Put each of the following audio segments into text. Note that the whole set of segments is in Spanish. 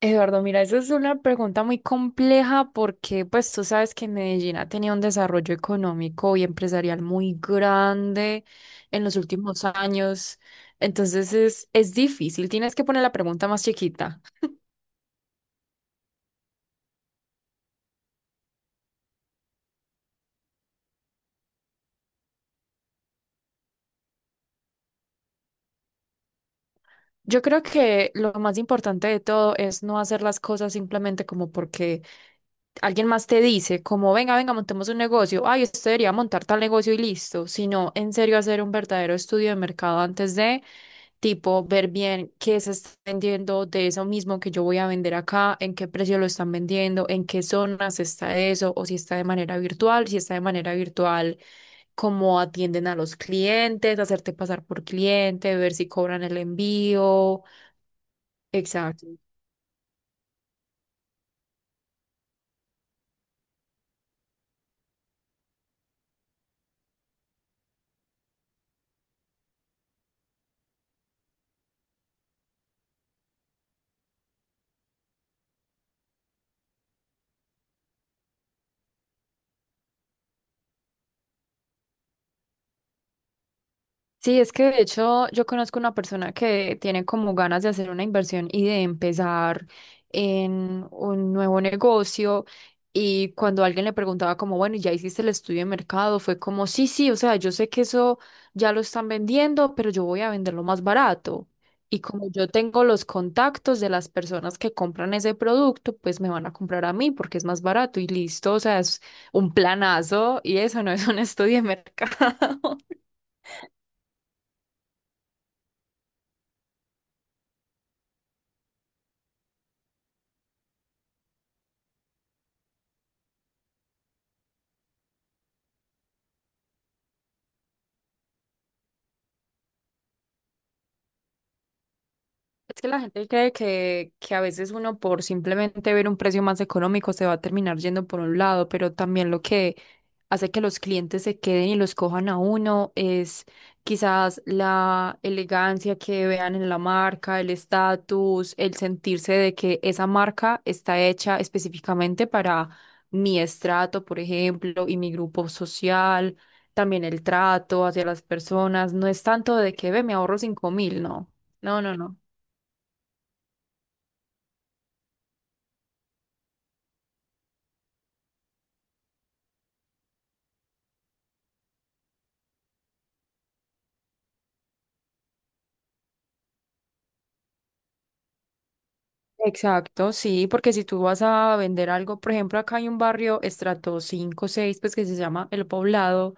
Eduardo, mira, esa es una pregunta muy compleja porque pues tú sabes que Medellín ha tenido un desarrollo económico y empresarial muy grande en los últimos años. Entonces es difícil, tienes que poner la pregunta más chiquita. Yo creo que lo más importante de todo es no hacer las cosas simplemente como porque alguien más te dice, como venga, venga, montemos un negocio, ay, usted debería montar tal negocio y listo, sino en serio hacer un verdadero estudio de mercado antes de, tipo, ver bien qué se está vendiendo de eso mismo que yo voy a vender acá, en qué precio lo están vendiendo, en qué zonas está eso, o si está de manera virtual, si está de manera virtual cómo atienden a los clientes, hacerte pasar por cliente, ver si cobran el envío. Exacto. Sí, es que de hecho yo conozco una persona que tiene como ganas de hacer una inversión y de empezar en un nuevo negocio, y cuando alguien le preguntaba como, bueno, ¿y ¿ya hiciste el estudio de mercado? Fue como, sí, sí, o sea, yo sé que eso ya lo están vendiendo, pero yo voy a venderlo más barato. Y como yo tengo los contactos de las personas que compran ese producto, pues me van a comprar a mí porque es más barato y listo, o sea, es un planazo y eso no es un estudio de mercado. Es que la gente cree que a veces uno por simplemente ver un precio más económico se va a terminar yendo por un lado, pero también lo que hace que los clientes se queden y los cojan a uno es quizás la elegancia que vean en la marca, el estatus, el sentirse de que esa marca está hecha específicamente para mi estrato, por ejemplo, y mi grupo social, también el trato hacia las personas. No es tanto de que ve, me ahorro 5000, no. No, no, no. Exacto, sí, porque si tú vas a vender algo, por ejemplo, acá hay un barrio estrato 5, 6, pues, que se llama El Poblado,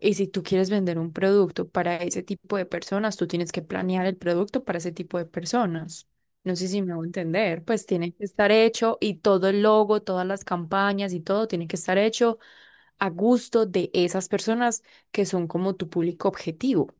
y si tú quieres vender un producto para ese tipo de personas, tú tienes que planear el producto para ese tipo de personas. No sé si me hago entender, pues tiene que estar hecho y todo el logo, todas las campañas y todo tiene que estar hecho a gusto de esas personas que son como tu público objetivo.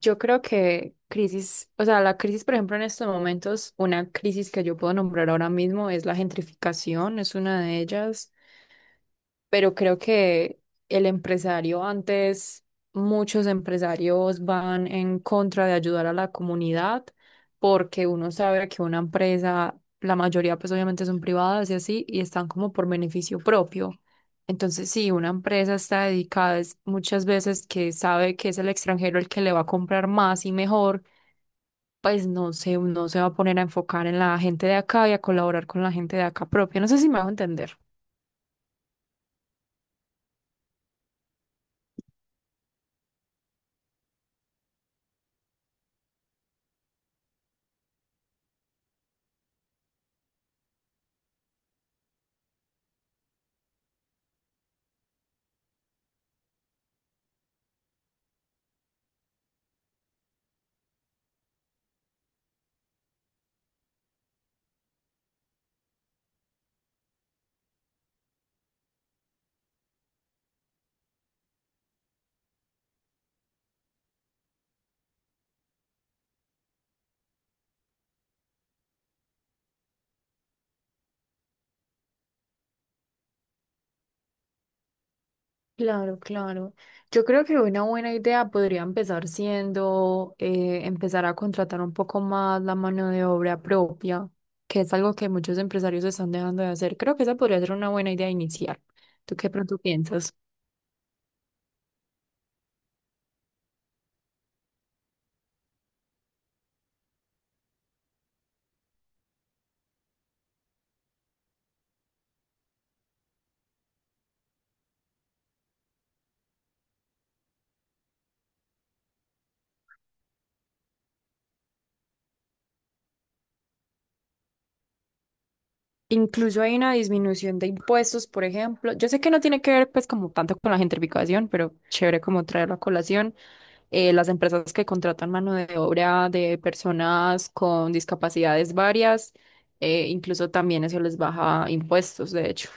Yo creo que crisis, o sea, la crisis, por ejemplo, en estos momentos, una crisis que yo puedo nombrar ahora mismo es la gentrificación, es una de ellas, pero creo que el empresario antes, muchos empresarios van en contra de ayudar a la comunidad porque uno sabe que una empresa, la mayoría pues obviamente son privadas y así, y están como por beneficio propio. Entonces, sí, una empresa está dedicada es muchas veces que sabe que es el extranjero el que le va a comprar más y mejor, pues no se va a poner a enfocar en la gente de acá y a colaborar con la gente de acá propia. No sé si me hago entender. Claro, claro. Yo creo que una buena idea podría empezar siendo empezar a contratar un poco más la mano de obra propia, que es algo que muchos empresarios están dejando de hacer. Creo que esa podría ser una buena idea inicial. ¿Tú qué pronto piensas? Incluso hay una disminución de impuestos, por ejemplo. Yo sé que no tiene que ver pues como tanto con la gentrificación, pero chévere como traerlo a colación. Las empresas que contratan mano de obra de personas con discapacidades varias, incluso también eso les baja impuestos, de hecho.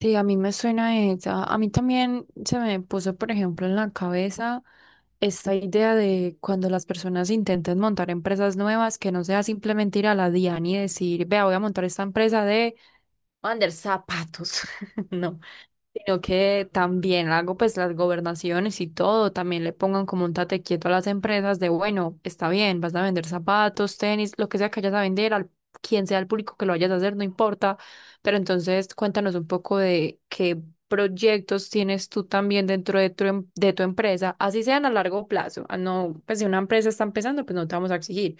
Sí, a mí me suena esa. A mí también se me puso, por ejemplo, en la cabeza esta idea de cuando las personas intenten montar empresas nuevas, que no sea simplemente ir a la DIAN y decir, vea, voy a montar esta empresa de vender zapatos, no, sino que también hago pues las gobernaciones y todo, también le pongan como un tate quieto a las empresas de, bueno, está bien, vas a vender zapatos, tenis, lo que sea que vayas a vender, al quien sea el público que lo vayas a hacer, no importa, pero entonces cuéntanos un poco de qué proyectos tienes tú también dentro de tu, de tu empresa, así sean a largo plazo, ah, no, pues si una empresa está empezando, pues no te vamos a exigir,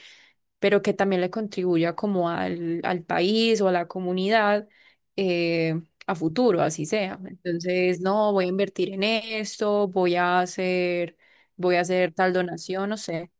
pero que también le contribuya como al, al país o a la comunidad eh, a futuro, así sea. Entonces, no, voy a invertir en esto, voy a hacer tal donación, no sé.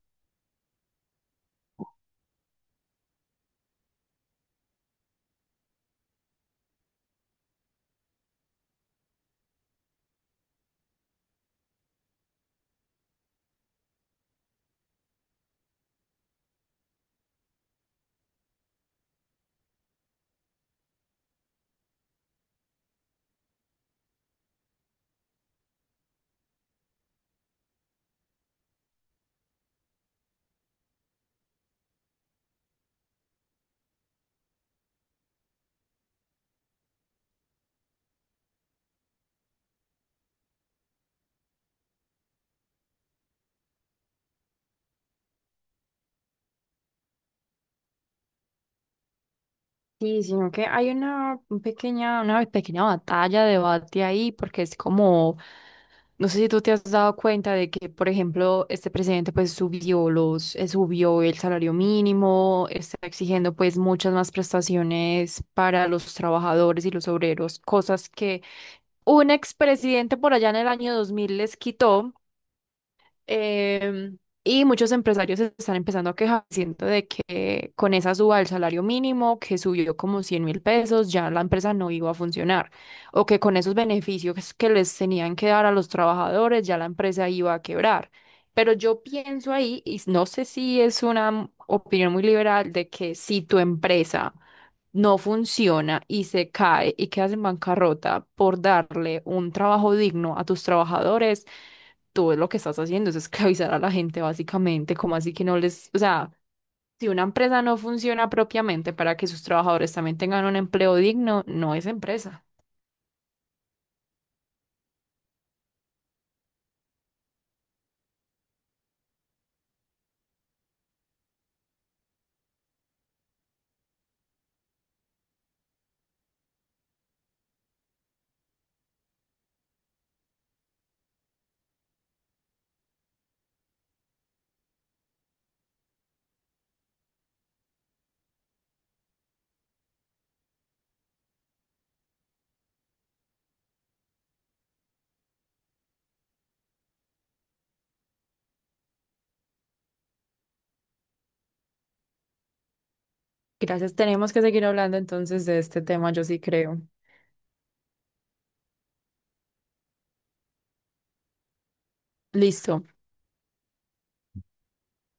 Sí, sino que hay una un pequeña, una pequeña batalla, debate ahí, porque es como, no sé si tú te has dado cuenta de que, por ejemplo, este presidente pues subió los, subió el salario mínimo, está exigiendo pues muchas más prestaciones para los trabajadores y los obreros, cosas que un expresidente por allá en el año 2000 les quitó. Y muchos empresarios se están empezando a quejar, siento de que con esa suba del salario mínimo, que subió como 100.000 pesos, ya la empresa no iba a funcionar. O que con esos beneficios que les tenían que dar a los trabajadores, ya la empresa iba a quebrar. Pero yo pienso ahí, y no sé si es una opinión muy liberal, de que si tu empresa no funciona y se cae y quedas en bancarrota por darle un trabajo digno a tus trabajadores, tú lo que estás haciendo es esclavizar a la gente básicamente, como así que no les, o sea, si una empresa no funciona propiamente para que sus trabajadores también tengan un empleo digno, no es empresa. Gracias, tenemos que seguir hablando entonces de este tema, yo sí creo. Listo.